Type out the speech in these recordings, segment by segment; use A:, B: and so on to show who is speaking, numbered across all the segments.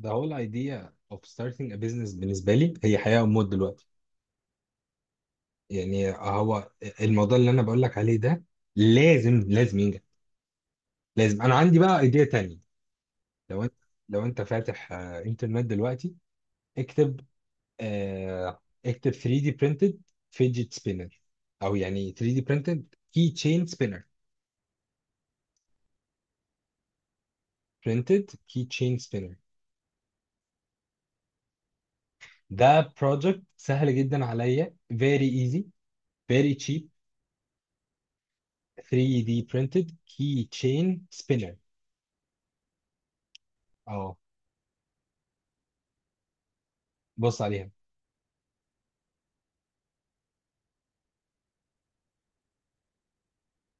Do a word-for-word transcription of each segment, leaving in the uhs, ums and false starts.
A: The whole idea of starting a business بالنسبة لي هي حياة وموت دلوقتي. يعني هو الموضوع اللي أنا بقول لك عليه ده لازم لازم ينجح. لازم. أنا عندي بقى ايديا تانية. لو أنت لو أنت فاتح آه، إنترنت دلوقتي اكتب. آه، اكتب ثري دي printed fidget spinner، أو يعني ثري دي printed key chain spinner printed key chain spinner. ده project سهل جدا عليا، very easy، very cheap. ثري دي printed key chain spinner. اه، بص عليها.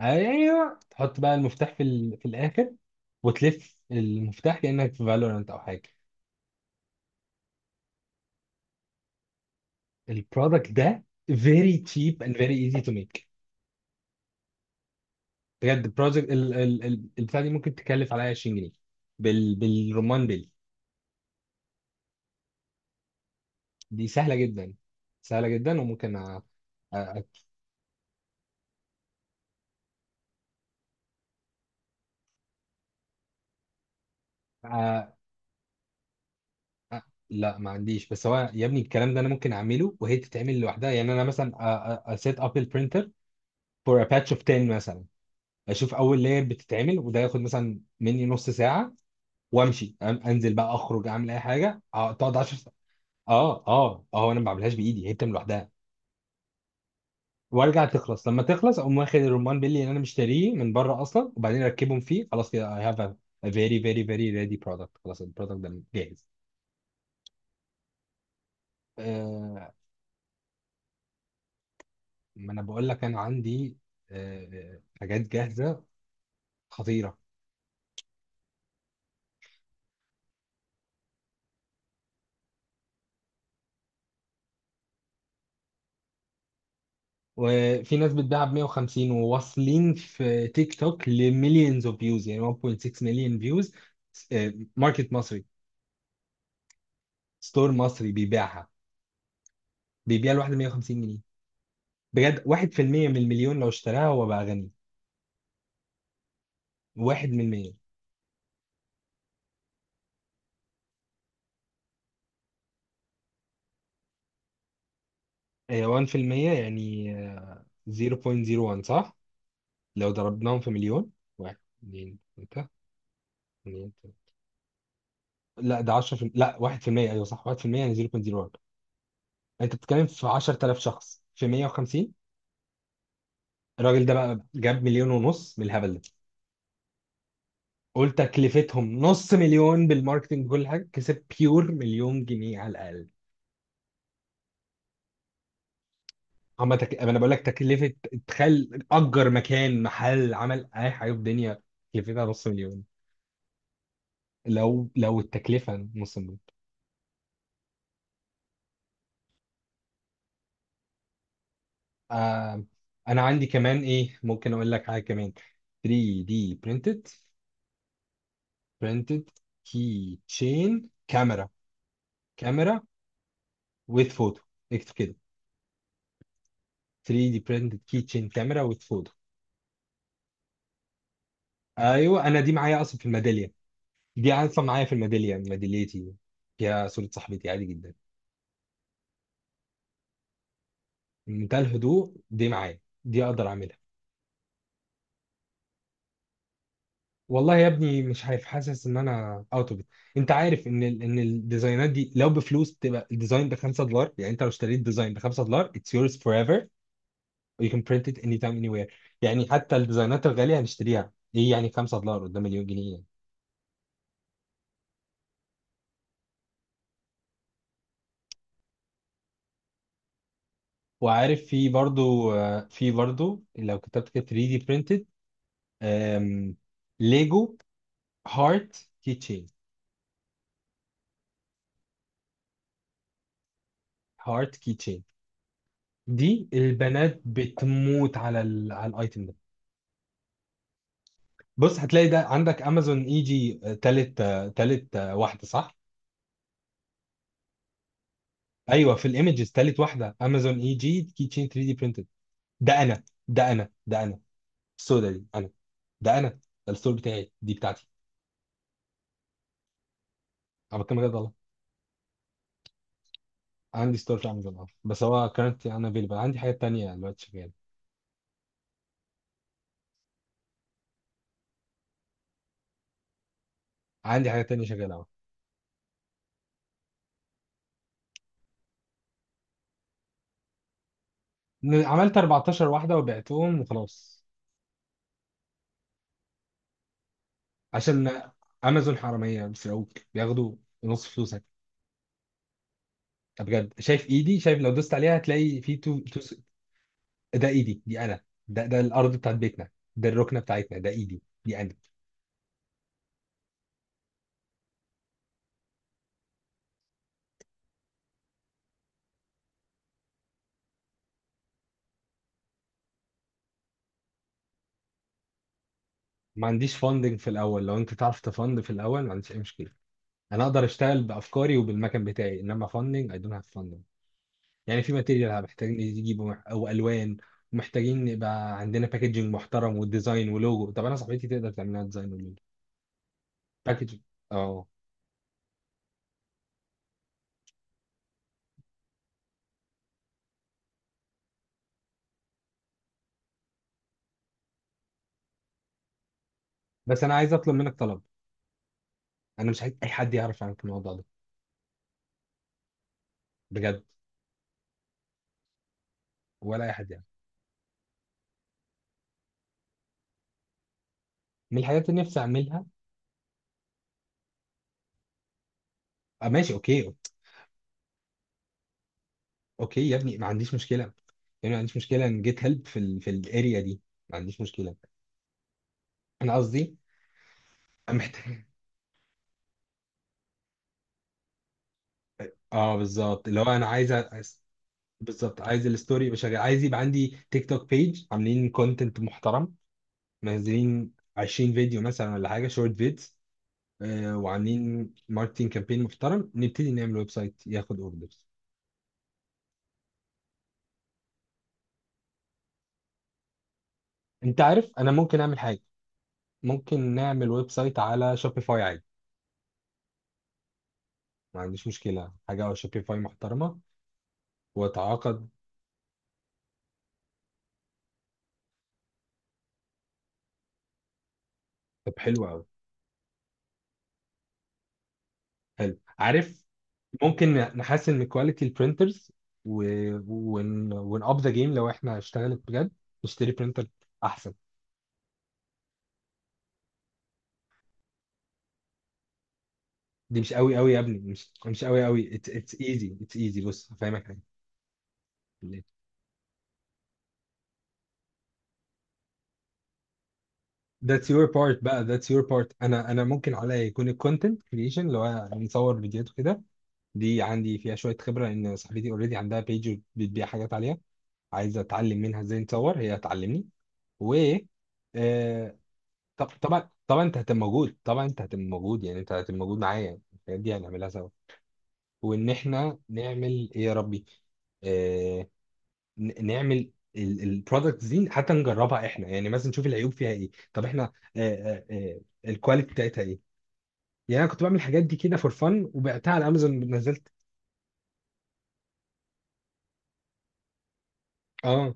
A: ايوه، تحط بقى المفتاح في ال... في الاخر، وتلف المفتاح كانك في فالورانت او حاجه. البرودكت ده very cheap and very easy to make. بجد البروجكت ال... ال... ال... البتاع دي ممكن تكلف عليا عشرين جنيه بال... بالرمان بيل. دي سهله جدا. سهله جدا وممكن أ... أ... أ... أ... لا، ما عنديش. بس هو يا ابني الكلام ده انا ممكن اعمله وهي تتعمل لوحدها. يعني انا مثلا أ... أ... set up البرينتر for a patch of عشرة مثلا، اشوف اول لاير بتتعمل، وده ياخد مثلا مني نص ساعه وامشي. أن- انزل بقى، اخرج، اعمل اي حاجه. أه، تقعد 10 ساعات. اه اه اه، انا ما بعملهاش بايدي، هي بتعمل لوحدها. وارجع تخلص، لما تخلص اقوم واخد الرمان بيلي اللي انا مشتريه من بره اصلا، وبعدين اركبهم فيه. خلاص كده، I have a, a very very very ready product. خلاص البرودكت ده جاهز. آه ما انا بقول لك انا عندي آه حاجات جاهزه خطيره. وفي ناس بتبيعها ب مية وخمسين، وواصلين في تيك توك لمليونز اوف فيوز، يعني واحد فاصلة ستة مليون فيوز. ماركت مصري، ستور مصري بيبيعها، بيبيع الواحدة مية وخمسين جنيه. بجد واحد في المية من المليون لو اشتراها هو بقى غني. واحد من مية. آه، واحد في المية يعني آه، صفر فاصلة صفر واحد، صح؟ لو ضربناهم في مليون، واحد، اتنين، تلاتة. لا، ده عشرة في... لا، واحد في المية. ايوه صح، واحد في المية يعني صفر فاصلة صفر واحد. انت بتتكلم في عشرة آلاف شخص في مية وخمسين. الراجل ده بقى جاب مليون ونص من الهبل ده. قلت تكلفتهم نص مليون بالماركتنج كل حاجه، كسب بيور مليون جنيه على الاقل. اما تك... أما انا بقول لك تكلفه، تخيل اجر مكان، محل، عمل، اي حاجه في الدنيا تكلفتها نص مليون. لو لو التكلفه نص مليون. آه... انا عندي كمان ايه، ممكن اقول لك حاجه كمان. ثري دي printed printed key chain كاميرا. كاميرا with photo. اكتب كده، ثري دي printed keychain كاميرا with photo. ايوه، انا دي معايا اصلا في الميداليه. دي اصلا معايا في الميداليه، ميداليتي فيها صوره صاحبتي، عادي جدا. منتهى الهدوء. دي معايا، دي اقدر اعملها. والله يا ابني مش عارف، حاسس ان انا اوت اوف. انت عارف ان ال... ان الديزاينات دي لو بفلوس تبقى الديزاين ب خمسة دولار. يعني انت لو اشتريت ديزاين ب خمسة دولار it's yours forever, you can print it anytime anywhere. يعني حتى الديزاينات الغاليه هنشتريها، ايه يعني خمسة دولار قدام مليون جنيه؟ يعني. وعارف، في برضو آه، في برضو لو كتبت كده ثري دي printed أم... ليجو هارت كيتشين. هارت كيتشين. دي البنات بتموت على ال... على الايتم ده. بص، هتلاقي ده عندك امازون اي جي، آه، تالت، آه، تالت، آه، واحده، صح. ايوه، في الايمجز تالت واحده امازون اي جي كيتشين ثري دي برينتد. ده انا، ده انا، ده انا. السودا دي انا. ده انا. ده الستور بتاعي، دي بتاعتي. انا بتكلم بجد والله. عندي ستور في امازون، اه، بس هو كانت انا افيلبل. عندي حاجات تانية دلوقتي شغاله. عندي حاجات تانية شغاله. ن- عملت اربعتاشر واحدة وبعتهم وخلاص. عشان امازون حرامية، بيسرقوك، بياخدوا نص فلوسك. ده بجد. شايف ايدي؟ شايف لو دوست عليها هتلاقي في تو, تو. ده ايدي، دي انا. ده ده الارض بتاعت بيتنا. ده الركنة بتاعتنا، ده ايدي، دي انا. ما عنديش فاندنج في الاول، لو انت تعرف تفند في الاول ما عنديش اي مشكلة. انا اقدر اشتغل بافكاري وبالمكان بتاعي، انما فاندنج، اي دونت هاف فاندنج. يعني في ماتيريال محتاجين يجيبوا، او الوان، ومحتاجين يبقى عندنا باكجينج محترم وديزاين ولوجو. طب انا صاحبتي تقدر تعمل لنا ديزاين باكج. اه. بس انا عايز اطلب منك طلب. انا مش عايز اي حد يعرف عنك الموضوع ده. بجد. ولا اي حد يعرف. من الحاجات اللي نفسي اعملها. آه ماشي، اوكي. اوكي يا ابني، ما عنديش مشكله. يعني ما عنديش مشكله ان جيت هيلب في ال في الاريا دي. ما عنديش مشكله. انا قصدي. أنا محتاج. اه، بالظبط، اللي هو انا عايز أ- عايز- بالظبط. عايز الستوري يبقى شغال، عايز يبقى عندي تيك توك بيج عاملين كونتنت محترم، منزلين 20 فيديو مثلا ولا حاجه، شورت فيديو. آه، وعاملين ماركتينج كامبين محترم، نبتدي نعمل ويب سايت ياخد اوردرز. انت عارف، انا ممكن اعمل حاجه. ممكن نعمل ويب سايت على شوبيفاي عادي. ما عنديش مشكله، حاجه على شوبيفاي محترمه. واتعاقد. طب حلو قوي. حلو، عارف، ممكن نحسن من كواليتي البرنترز و... ون ون اب ذا جيم، لو احنا اشتغلت بجد نشتري برنتر احسن. دي مش قوي قوي يا ابني، مش مش قوي قوي، اتس ايزي، اتس ايزي. بص هفهمك حاجه. that's your part بقى، that's your part، انا انا ممكن عليا يكون الكونتنت كريشن، اللي هو نصور فيديوهات وكده. دي عندي فيها شويه خبره، ان صاحبتي اوريدي عندها بيج بتبيع حاجات عليها، عايزه اتعلم منها ازاي نصور، هي هتعلمني. و. آه، طب طبعا طبعا انت هتبقى موجود، طبعا انت هتبقى موجود، يعني انت هتبقى موجود معايا، الحاجات دي هنعملها سوا. وان احنا نعمل ايه يا ربي. آه، ن- نعمل البرودكت دي حتى نجربها احنا، يعني مثلا نشوف العيوب فيها ايه، طب احنا الكواليتي بتاعتها ايه. يعني انا كنت بعمل الحاجات دي كده فور فن وبعتها على امازون، نزلت. اه.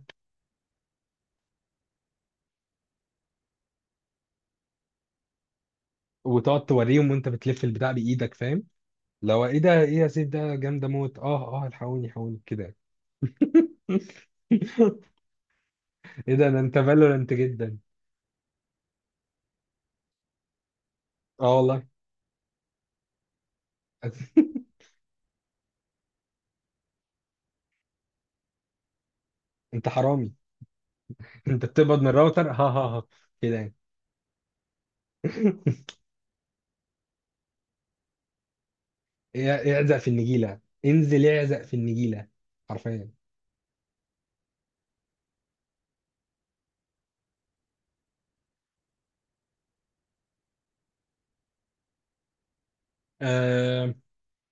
A: وتقعد توريهم وانت بتلف البتاع بايدك، فاهم؟ لو ايه ده؟ ايه يا سيف ده، جامده موت، اه اه، الحقوني الحقوني كده. ايه ده ده؟ انت فالورنت جدا. اه والله. انت حرامي. انت بتقبض من الراوتر، ها ها ها، كده يعني. اعزق في النجيله، انزل اعزق في النجيله. حرفيا. أه،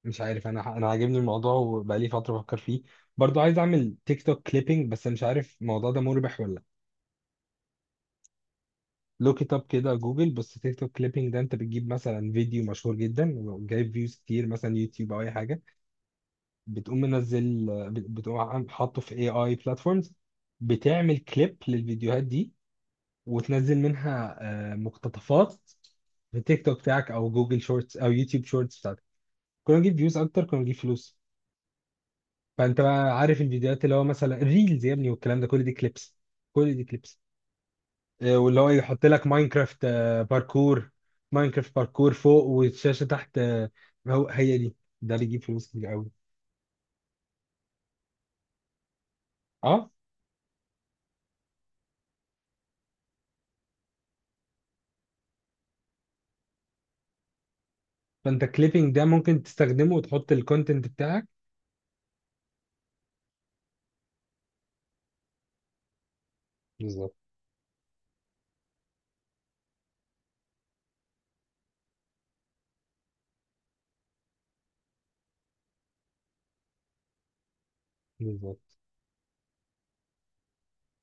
A: مش عارف، انا انا عاجبني الموضوع وبقالي فتره بفكر فيه. برضو عايز اعمل تيك توك كليبنج، بس مش عارف الموضوع ده مربح ولا لا. لوك ات اب كده جوجل، بص. تيك توك كليبنج ده، انت بتجيب مثلا فيديو مشهور جدا وجايب فيوز كتير، مثلا يوتيوب او اي حاجه، بتقوم منزل، بت- بتقوم عم- حاطه في اي اي بلاتفورمز، بتعمل كليب للفيديوهات دي، وتنزل منها آه، مقتطفات في تيك توك بتاعك او جوجل شورتس او يوتيوب شورتس بتاعتك. كنا نجيب فيوز اكتر، كنا نجيب فلوس. فانت بقى عارف الفيديوهات اللي هو مثلا الريلز يا ابني والكلام ده، كل دي كليبس. كل دي كليبس. آه، واللي هو يحط لك ماينكرافت، آه، باركور. ماينكرافت باركور فوق والشاشه تحت. آه، هو هي دي. ده بيجيب فلوس كتير قوي. اه. فانت الكليبنج ده ممكن تستخدمه وتحط الكونتنت بتاعك. بالظبط. بالظبط.